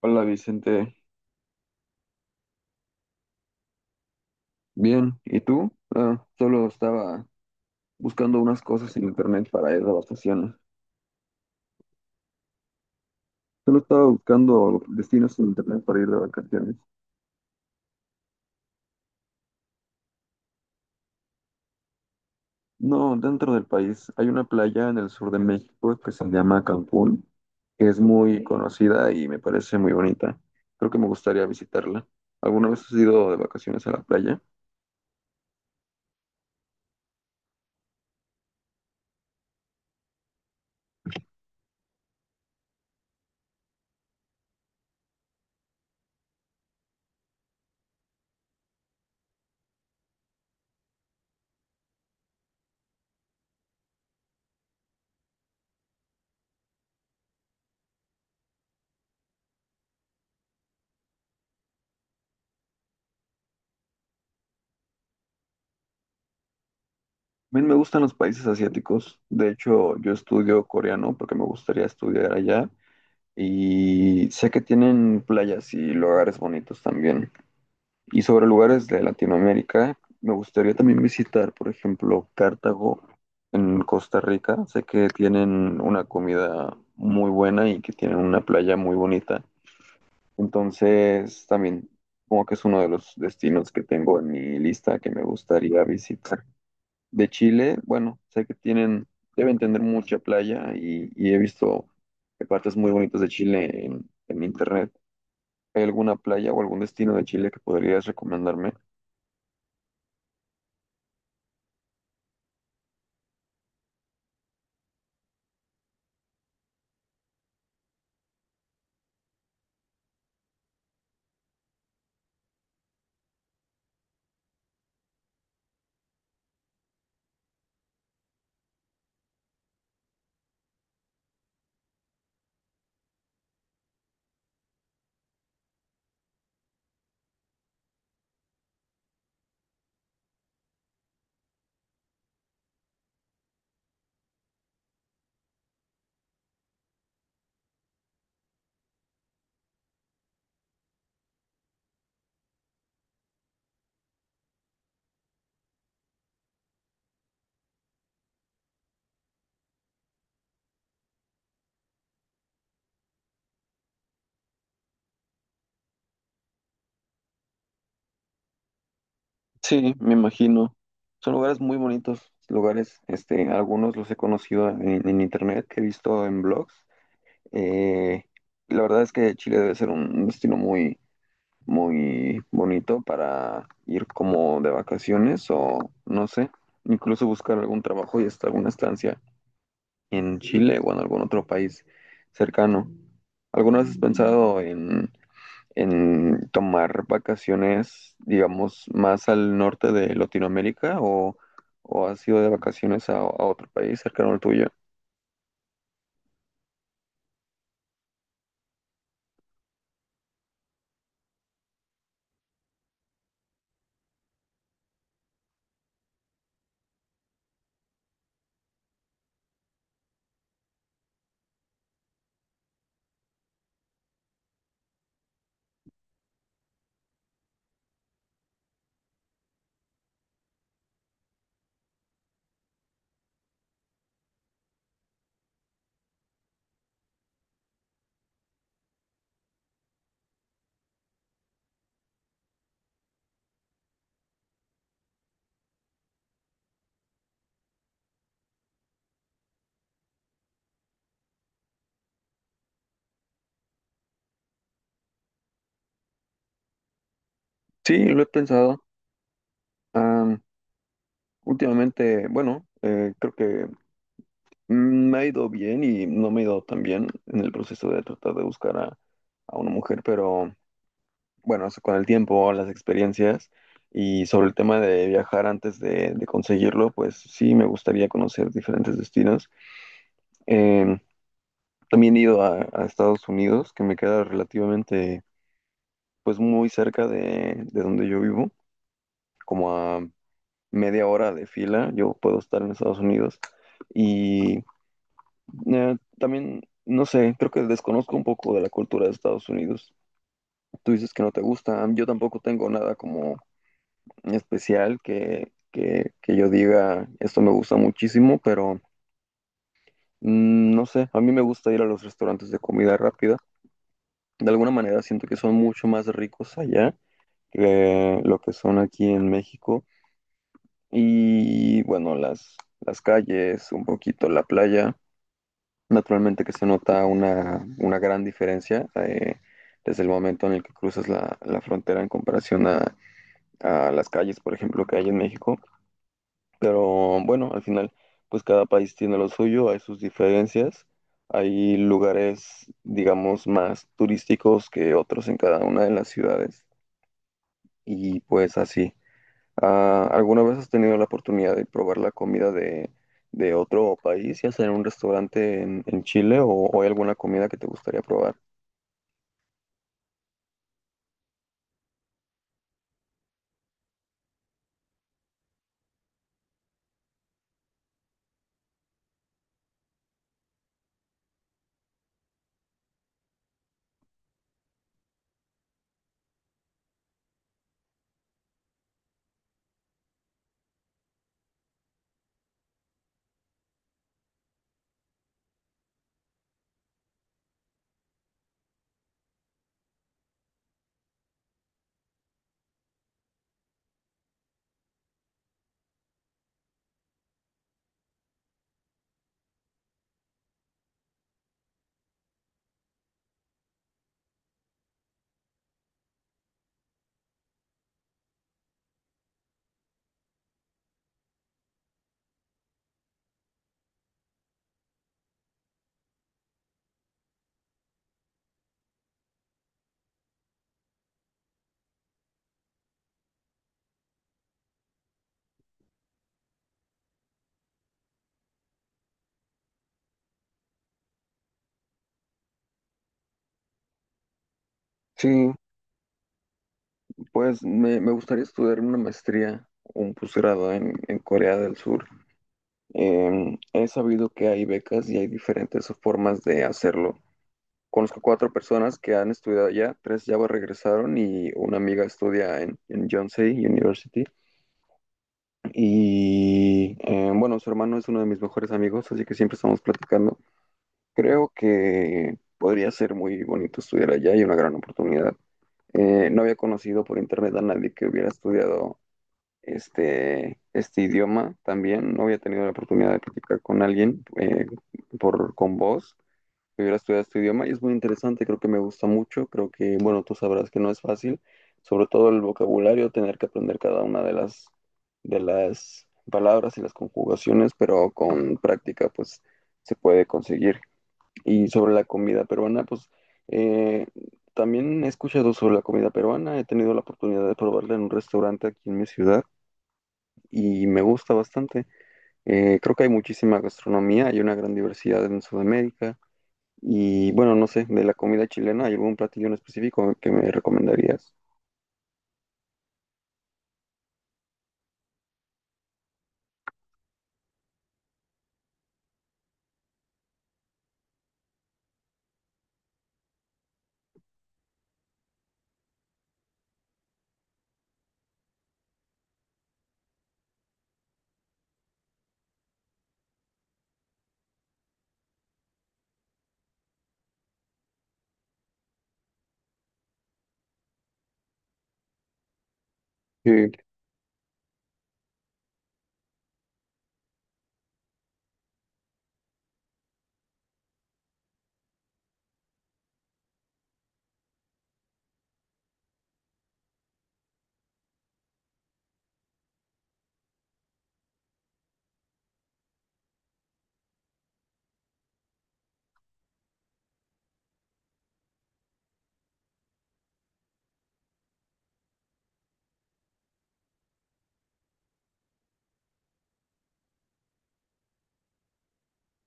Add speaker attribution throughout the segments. Speaker 1: Hola Vicente, bien, ¿y tú? Ah, solo estaba buscando unas cosas en internet para ir de vacaciones. Solo estaba buscando destinos en internet para ir de vacaciones. No, dentro del país hay una playa en el sur de México que se llama Cancún, que es muy conocida y me parece muy bonita. Creo que me gustaría visitarla. ¿Alguna vez has ido de vacaciones a la playa? A mí me gustan los países asiáticos. De hecho, yo estudio coreano porque me gustaría estudiar allá. Y sé que tienen playas y lugares bonitos también. Y sobre lugares de Latinoamérica, me gustaría también visitar, por ejemplo, Cartago en Costa Rica. Sé que tienen una comida muy buena y que tienen una playa muy bonita. Entonces, también como que es uno de los destinos que tengo en mi lista que me gustaría visitar de Chile, bueno, sé que tienen, deben tener mucha playa y he visto partes muy bonitas de Chile en internet. ¿Hay alguna playa o algún destino de Chile que podrías recomendarme? Sí, me imagino. Son lugares muy bonitos, lugares, este, algunos los he conocido en internet, que he visto en blogs. Eh, la verdad es que Chile debe ser un destino muy, muy bonito para ir como de vacaciones o no sé, incluso buscar algún trabajo y hasta alguna estancia en Chile o en algún otro país cercano. ¿Alguna vez has pensado en, tomar vacaciones, digamos, más al norte de Latinoamérica o has ido de vacaciones a otro país cercano al tuyo? Sí, lo he pensado. Últimamente, bueno, creo que me ha ido bien y no me ha ido tan bien en el proceso de tratar de buscar a una mujer, pero bueno, eso con el tiempo, las experiencias y sobre el tema de viajar antes de conseguirlo, pues sí me gustaría conocer diferentes destinos. Eh, También he ido a Estados Unidos, que me queda relativamente, pues muy cerca de donde yo vivo, como a media hora de fila, yo puedo estar en Estados Unidos. Y también, no sé, creo que desconozco un poco de la cultura de Estados Unidos. Tú dices que no te gusta. Yo tampoco tengo nada como especial que yo diga, esto me gusta muchísimo, pero no sé, a mí me gusta ir a los restaurantes de comida rápida. De alguna manera siento que son mucho más ricos allá que lo que son aquí en México. Y bueno, las calles, un poquito la playa. Naturalmente que se nota una gran diferencia desde el momento en el que cruzas la frontera en comparación a las calles, por ejemplo, que hay en México. Pero bueno, al final, pues cada país tiene lo suyo, hay sus diferencias, hay lugares, digamos, más turísticos que otros en cada una de las ciudades y pues así. Ah, ¿alguna vez has tenido la oportunidad de probar la comida de otro país, ya sea en un restaurante en Chile o hay alguna comida que te gustaría probar? Sí, pues me gustaría estudiar una maestría o un posgrado en Corea del Sur. He sabido que hay becas y hay diferentes formas de hacerlo. Conozco cuatro personas que han estudiado allá, tres ya regresaron y una amiga estudia en Yonsei University. Y bueno, su hermano es uno de mis mejores amigos, así que siempre estamos platicando. Creo que podría ser muy bonito estudiar allá y una gran oportunidad. No había conocido por internet a nadie que hubiera estudiado este idioma también. No había tenido la oportunidad de platicar con alguien con vos que hubiera estudiado este idioma y es muy interesante, creo que me gusta mucho, creo que, bueno, tú sabrás que no es fácil, sobre todo el vocabulario, tener que aprender cada una de las palabras y las conjugaciones, pero con práctica pues se puede conseguir. Y sobre la comida peruana, pues eh, también he escuchado sobre la comida peruana, he tenido la oportunidad de probarla en un restaurante aquí en mi ciudad y me gusta bastante. Creo que hay muchísima gastronomía, hay una gran diversidad en Sudamérica. Y bueno, no sé, de la comida chilena, ¿hay algún platillo en específico que me recomendarías? Sí,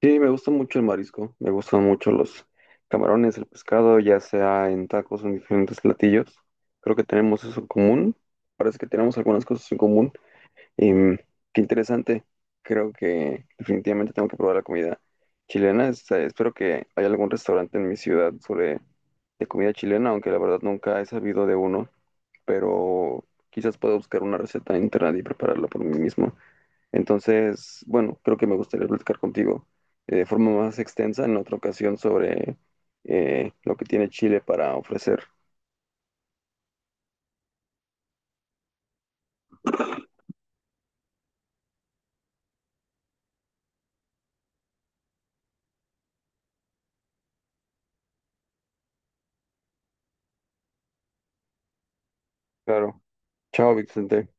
Speaker 1: sí, me gusta mucho el marisco, me gustan mucho los camarones, el pescado, ya sea en tacos o en diferentes platillos. Creo que tenemos eso en común. Parece que tenemos algunas cosas en común. Em, Qué interesante. Creo que definitivamente tengo que probar la comida chilena. Espero que haya algún restaurante en mi ciudad sobre de comida chilena, aunque la verdad nunca he sabido de uno. Pero quizás pueda buscar una receta en internet y prepararla por mí mismo. Entonces, bueno, creo que me gustaría platicar contigo de forma más extensa en otra ocasión sobre lo que tiene Chile para ofrecer. Claro. Chao, Vicente.